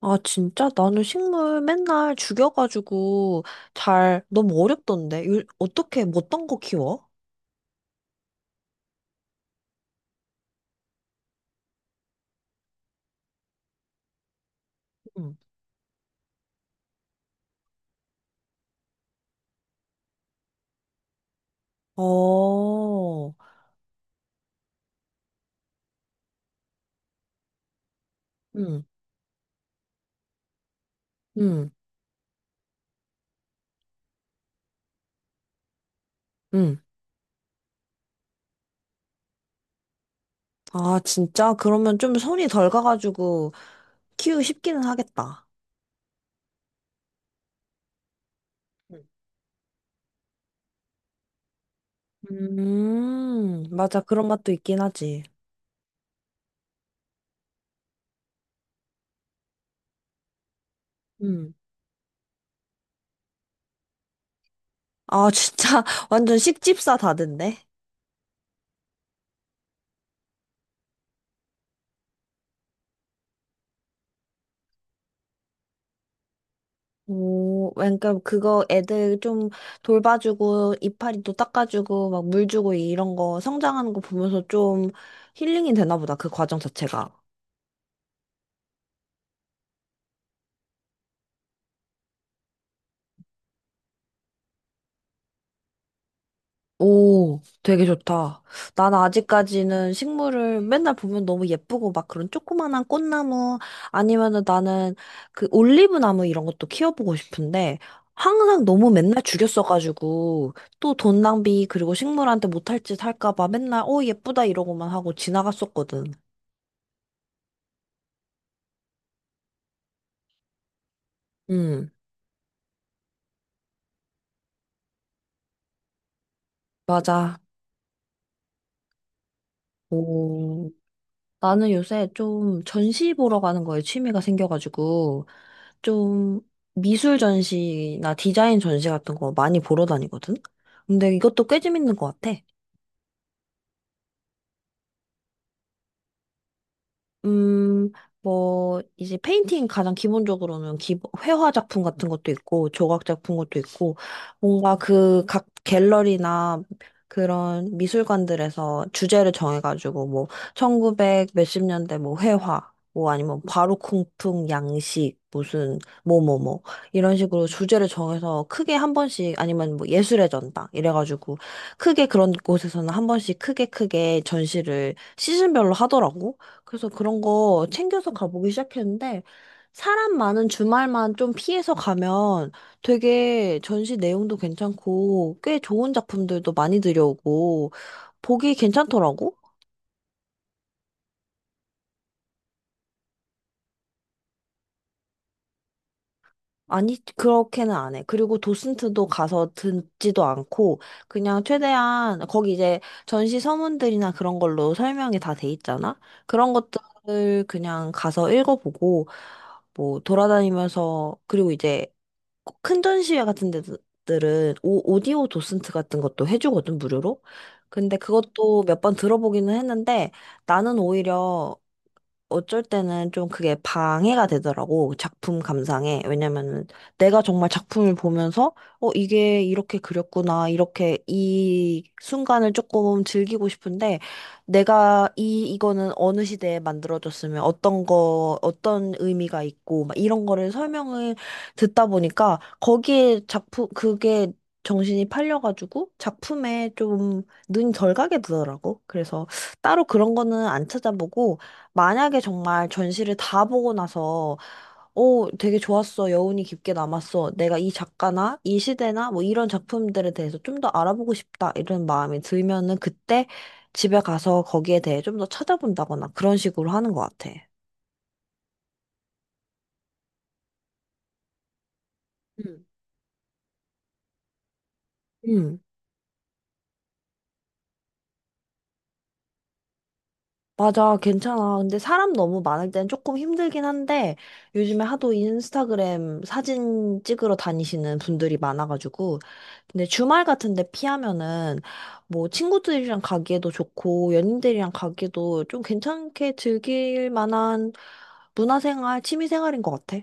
아, 진짜? 나는 식물 맨날 죽여가지고 잘, 너무 어렵던데. 어떻게, 뭐 어떤 거 키워? 응. 어, 응, 응, 응. 아, 진짜? 그러면 좀 손이 덜 가가지고 키우기 쉽기는 하겠다. 응. 맞아. 그런 맛도 있긴 하지. 음. 아, 진짜. 완전 식집사 다된데? 오, 그러니까 그거 애들 좀 돌봐주고 이파리도 닦아주고 막 물 주고 이런 거 성장하는 거 보면서 좀 힐링이 되나 보다. 그 과정 자체가. 오, 되게 좋다. 난 아직까지는 식물을 맨날 보면 너무 예쁘고 막 그런 조그만한 꽃나무 아니면은 나는 그 올리브 나무 이런 것도 키워보고 싶은데 항상 너무 맨날 죽였어가지고 또 돈 낭비 그리고 식물한테 못할 짓 할까 봐 맨날 어 예쁘다 이러고만 하고 지나갔었거든. 음, 맞아. 오, 나는 요새 좀 전시 보러 가는 거에 취미가 생겨가지고, 좀 미술 전시나 디자인 전시 같은 거 많이 보러 다니거든? 근데 이것도 꽤 재밌는 것 같아. 음, 뭐, 이제 페인팅 가장 기본적으로는 회화 작품 같은 것도 있고, 조각 작품 것도 있고, 뭔가 그 각 갤러리나 그런 미술관들에서 주제를 정해가지고, 뭐, 1900 몇십 년대 뭐 회화, 뭐 아니면 바로콩풍 양식, 무슨, 뭐뭐뭐, 이런 식으로 주제를 정해서 크게 한 번씩, 아니면 뭐 예술의 전당, 이래가지고, 크게 그런 곳에서는 한 번씩 크게 크게 전시를 시즌별로 하더라고. 그래서 그런 거 챙겨서 가보기 시작했는데, 사람 많은 주말만 좀 피해서 가면 되게 전시 내용도 괜찮고, 꽤 좋은 작품들도 많이 들여오고, 보기 괜찮더라고? 아니, 그렇게는 안 해. 그리고 도슨트도 가서 듣지도 않고, 그냥 최대한, 거기 이제 전시 서문들이나 그런 걸로 설명이 다 돼 있잖아? 그런 것들을 그냥 가서 읽어보고, 뭐, 돌아다니면서, 그리고 이제 꼭큰 전시회 같은 데들은 오, 오디오 도슨트 같은 것도 해주거든, 무료로. 근데 그것도 몇 번 들어보기는 했는데 나는 오히려 어쩔 때는 좀 그게 방해가 되더라고, 작품 감상에. 왜냐면은 내가 정말 작품을 보면서, 어, 이게 이렇게 그렸구나, 이렇게 이 순간을 조금 즐기고 싶은데, 내가 이거는 어느 시대에 만들어졌으면 어떤 거, 어떤 의미가 있고, 막 이런 거를 설명을 듣다 보니까, 거기에 작품, 그게 정신이 팔려가지고, 작품에 좀 눈이 덜 가게 되더라고. 그래서 따로 그런 거는 안 찾아보고, 만약에 정말 전시를 다 보고 나서, 오, 되게 좋았어. 여운이 깊게 남았어. 내가 이 작가나 이 시대나 뭐 이런 작품들에 대해서 좀 더 알아보고 싶다. 이런 마음이 들면은 그때 집에 가서 거기에 대해 좀 더 찾아본다거나 그런 식으로 하는 것 같아. 음. 음. 맞아, 괜찮아. 근데 사람 너무 많을 땐 조금 힘들긴 한데, 요즘에 하도 인스타그램 사진 찍으러 다니시는 분들이 많아가지고, 근데 주말 같은데 피하면은, 뭐, 친구들이랑 가기에도 좋고, 연인들이랑 가기에도 좀 괜찮게 즐길 만한 문화생활, 취미생활인 것 같아.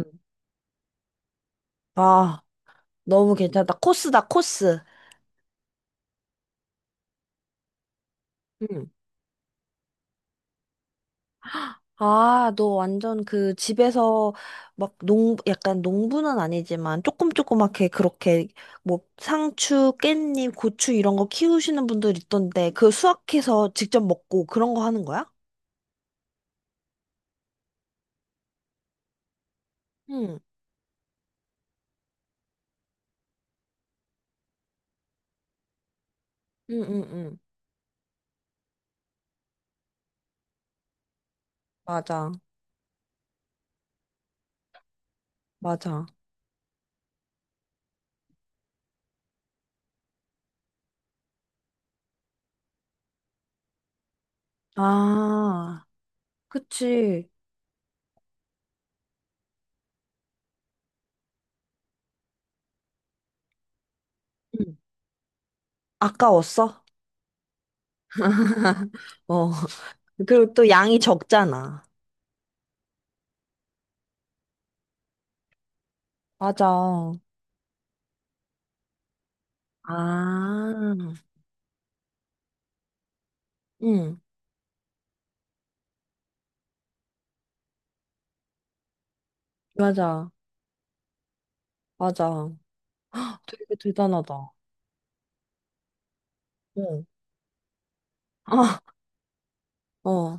음. 아, 너무 괜찮다. 코스다, 코스. 아, 너 완전 그 집에서 막 약간 농부는 아니지만 조금 조그맣게 그렇게 뭐 상추, 깻잎, 고추 이런 거 키우시는 분들 있던데 그 수확해서 직접 먹고 그런 거 하는 거야? 응, 응, 응, 응. 맞아, 맞아. 아, 그치. 응. 아까웠어? 어. 그리고 또 양이 적잖아. 맞아. 아, 응, 맞아, 맞아. 되게 대단하다. 어, 아 어.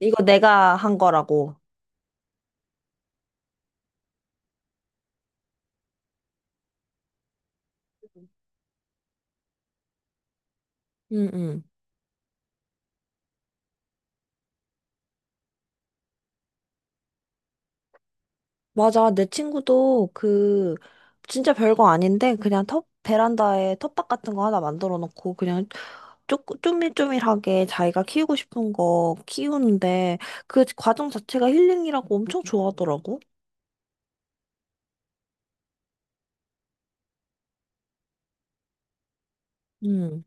이거 내가 한 거라고. 응, 응. 맞아. 내 친구도 그, 진짜 별거 아닌데, 그냥 베란다에 텃밭 같은 거 하나 만들어 놓고, 그냥 쪼밀쪼밀하게 자기가 키우고 싶은 거 키우는데, 그 과정 자체가 힐링이라고 엄청 좋아하더라고. 응.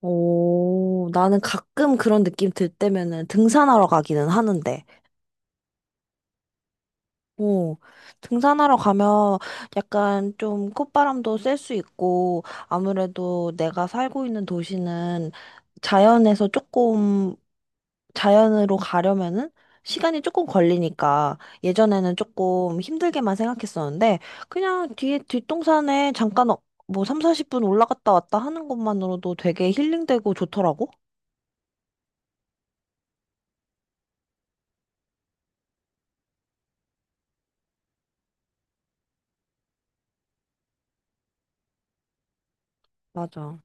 오, 나는 가끔 그런 느낌 들 때면은 등산하러 가기는 하는데. 오, 등산하러 가면 약간 좀 콧바람도 쐴 수 있고, 아무래도 내가 살고 있는 도시는 자연에서 조금, 자연으로 가려면은 시간이 조금 걸리니까, 예전에는 조금 힘들게만 생각했었는데, 그냥 뒤에 뒷동산에 잠깐 뭐삼 40분 올라갔다 왔다 하는 것만으로도 되게 힐링되고 좋더라고. 맞아.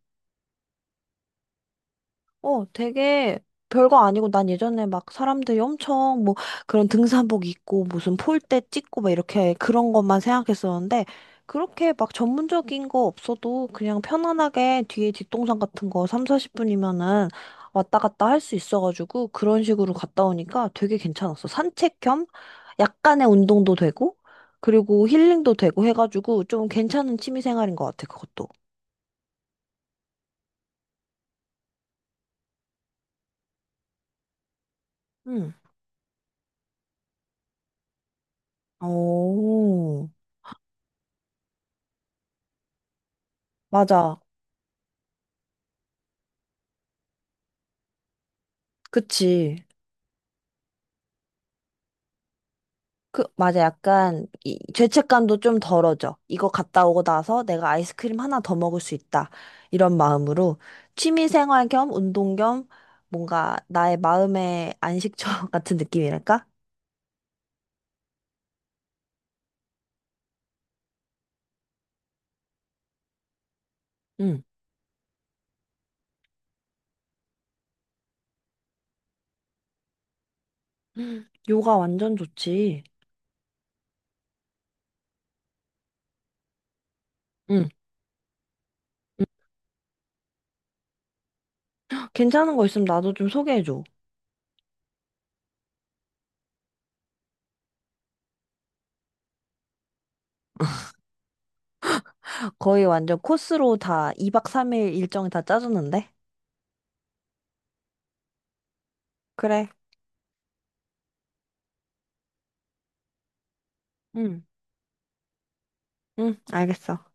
어, 되게 별거 아니고 난 예전에 막 사람들이 엄청 뭐 그런 등산복 입고 무슨 폴대 찍고 막 이렇게 그런 것만 생각했었는데 그렇게 막 전문적인 거 없어도 그냥 편안하게 뒤에 뒷동산 같은 거 3, 40분이면은 왔다 갔다 할 수 있어가지고 그런 식으로 갔다 오니까 되게 괜찮았어. 산책 겸 약간의 운동도 되고 그리고 힐링도 되고 해가지고 좀 괜찮은 취미 생활인 것 같아, 그것도. 응. 오, 맞아. 그치. 그, 맞아. 약간, 이, 죄책감도 좀 덜어져. 이거 갔다 오고 나서 내가 아이스크림 하나 더 먹을 수 있다. 이런 마음으로 취미 생활 겸 운동 겸 뭔가 나의 마음의 안식처 같은 느낌이랄까? 응. 요가 완전 좋지. 응. 응. 괜찮은 거 있으면 나도 좀 소개해줘. 거의 완전 코스로 다 2박 3일 일정이 다 짜졌는데? 그래. 응. 응, 알겠어.